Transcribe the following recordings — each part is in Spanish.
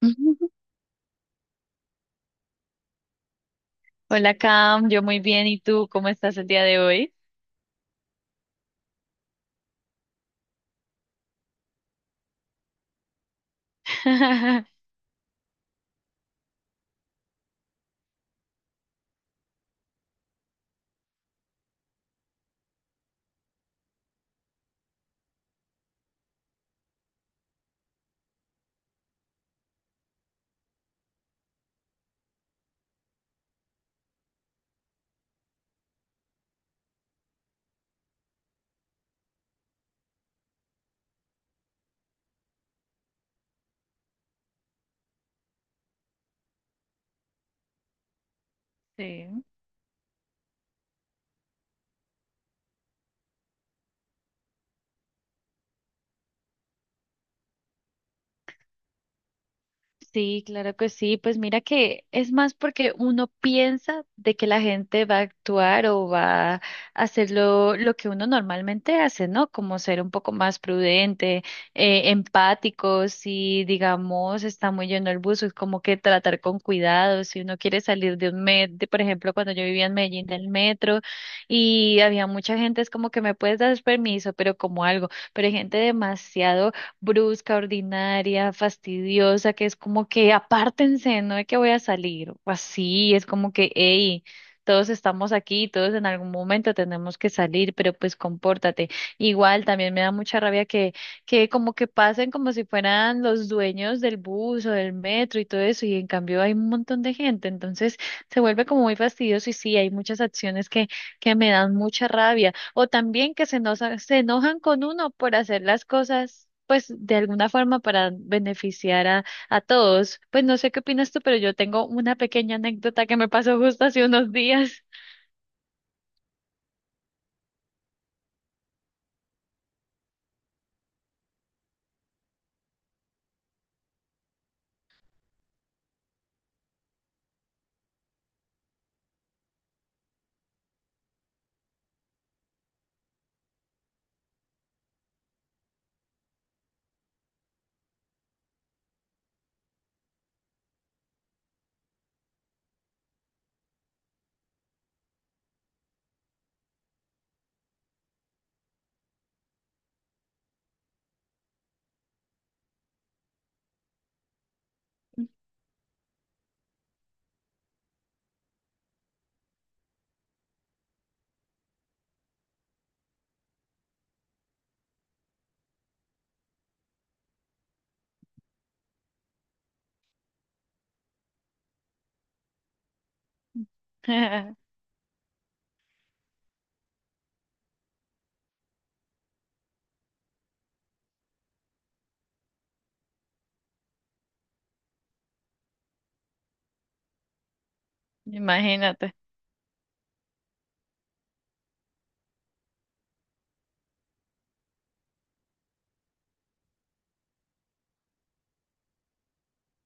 Hola Cam, yo muy bien, ¿y tú cómo estás el día de hoy? Sí. Sí, claro que sí. Pues mira que es más porque uno piensa de que la gente va a actuar o va a hacer lo que uno normalmente hace, ¿no? Como ser un poco más prudente, empático. Si digamos está muy lleno el bus, es como que tratar con cuidado, si uno quiere salir de un metro, por ejemplo, cuando yo vivía en Medellín del metro y había mucha gente, es como que me puedes dar permiso, pero como algo, pero hay gente demasiado brusca, ordinaria, fastidiosa, que es como que apártense, no es que voy a salir, o así, es como que, hey, todos estamos aquí, todos en algún momento tenemos que salir, pero pues compórtate. Igual también me da mucha rabia que como que pasen como si fueran los dueños del bus o del metro y todo eso, y en cambio hay un montón de gente, entonces se vuelve como muy fastidioso y sí, hay muchas acciones que me dan mucha rabia. O también que se enojan con uno por hacer las cosas, pues de alguna forma para beneficiar a todos. Pues no sé qué opinas tú, pero yo tengo una pequeña anécdota que me pasó justo hace unos días. Imagínate,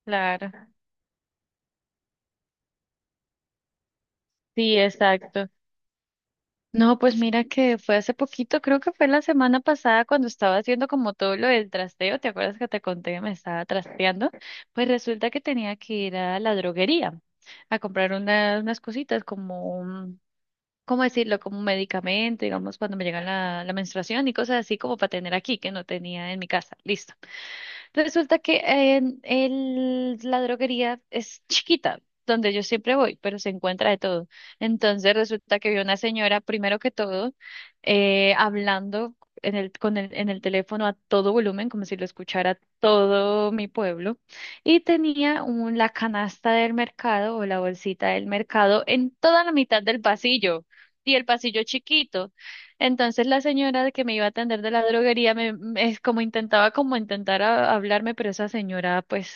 claro. Sí, exacto. No, pues mira que fue hace poquito, creo que fue la semana pasada cuando estaba haciendo como todo lo del trasteo. ¿Te acuerdas que te conté que me estaba trasteando? Pues resulta que tenía que ir a la droguería a comprar unas cositas como ¿cómo decirlo? Como un medicamento, digamos, cuando me llega la menstruación y cosas así como para tener aquí, que no tenía en mi casa. Listo. Resulta que la droguería es chiquita, donde yo siempre voy, pero se encuentra de todo. Entonces resulta que vi una señora, primero que todo, hablando en el teléfono a todo volumen, como si lo escuchara todo mi pueblo, y tenía un, la canasta del mercado o la bolsita del mercado en toda la mitad del pasillo, y el pasillo chiquito. Entonces la señora que me iba a atender de la droguería es como intentaba como hablarme, pero esa señora pues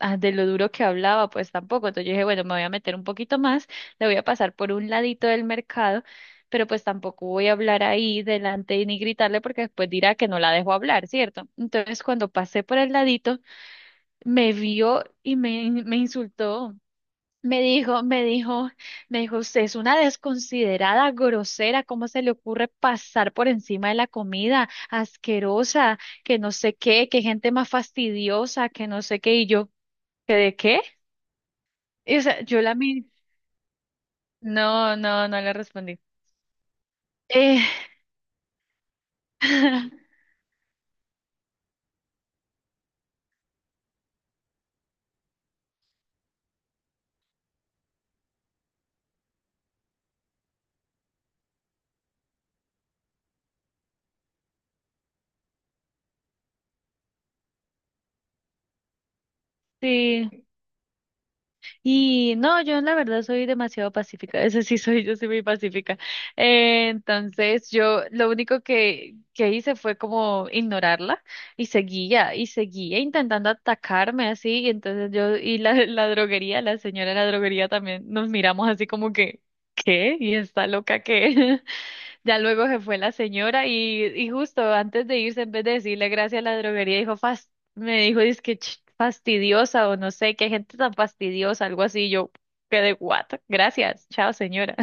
ah, de lo duro que hablaba pues tampoco. Entonces yo dije, bueno, me voy a meter un poquito más, le voy a pasar por un ladito del mercado, pero pues tampoco voy a hablar ahí delante ni gritarle porque después dirá que no la dejo hablar, ¿cierto? Entonces cuando pasé por el ladito, me vio y me insultó. Me dijo, me dijo, me dijo, usted es una desconsiderada, grosera, ¿cómo se le ocurre pasar por encima de la comida? Asquerosa, que no sé qué, que gente más fastidiosa, que no sé qué, y yo, ¿que de qué? Y, o sea, yo la miré, no, no le respondí. Eh, sí. Y no, yo la verdad soy demasiado pacífica, eso sí soy, yo soy muy pacífica. Entonces yo lo único que hice fue como ignorarla y seguía intentando atacarme así y entonces yo la señora de la droguería también nos miramos así como que, ¿qué? ¿Y está loca qué? Ya luego se fue la señora y justo antes de irse, en vez de decirle gracias a la droguería, dijo, me dijo, es que fastidiosa o no sé, qué gente tan fastidiosa", algo así. Yo quedé, what? Gracias, chao señora.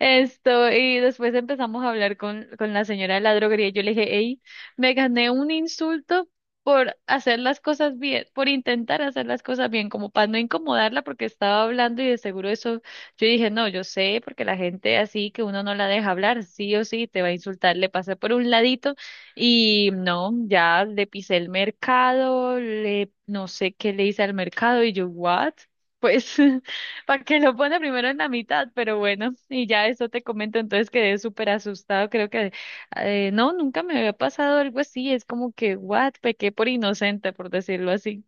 Esto, y después empezamos a hablar con la señora de la droguería. Yo le dije, hey, me gané un insulto por hacer las cosas bien, por intentar hacer las cosas bien, como para no incomodarla porque estaba hablando y de seguro eso, yo dije, no, yo sé, porque la gente así que uno no la deja hablar, sí o sí, te va a insultar, le pasé por un ladito y no, ya le pisé el mercado, le, no sé qué le hice al mercado y yo, what? Pues... para que lo pone primero en la mitad, pero bueno, y ya eso te comento, entonces quedé súper asustado, creo que no, nunca me había pasado algo así, es como que, what, pequé por inocente, por decirlo así.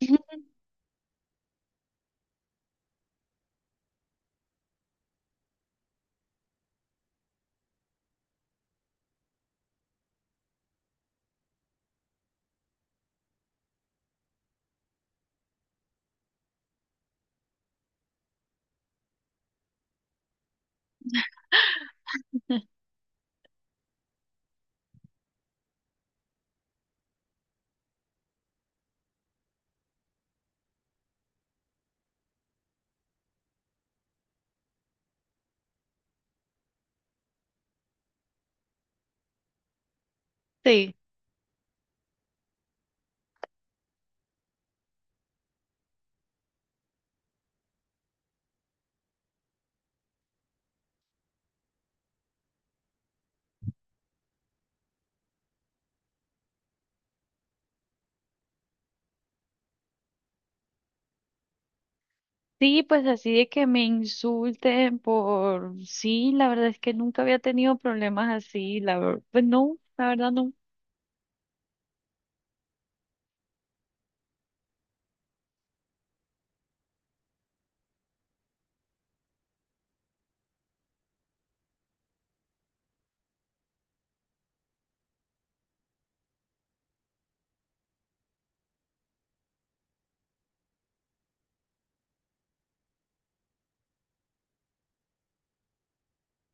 Sí. Sí, pues así de que me insulten por, sí, la verdad es que nunca había tenido problemas así, la verdad, pues no, la verdad no.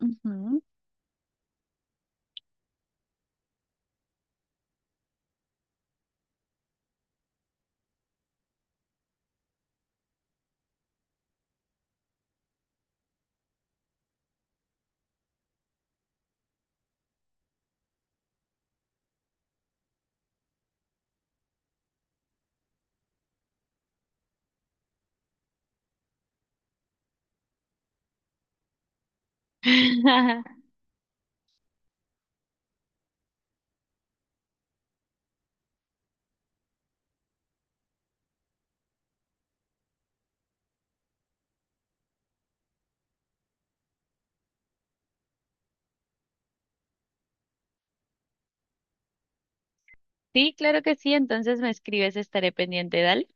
Ujú. Sí, claro que sí, entonces me escribes, estaré pendiente, dale.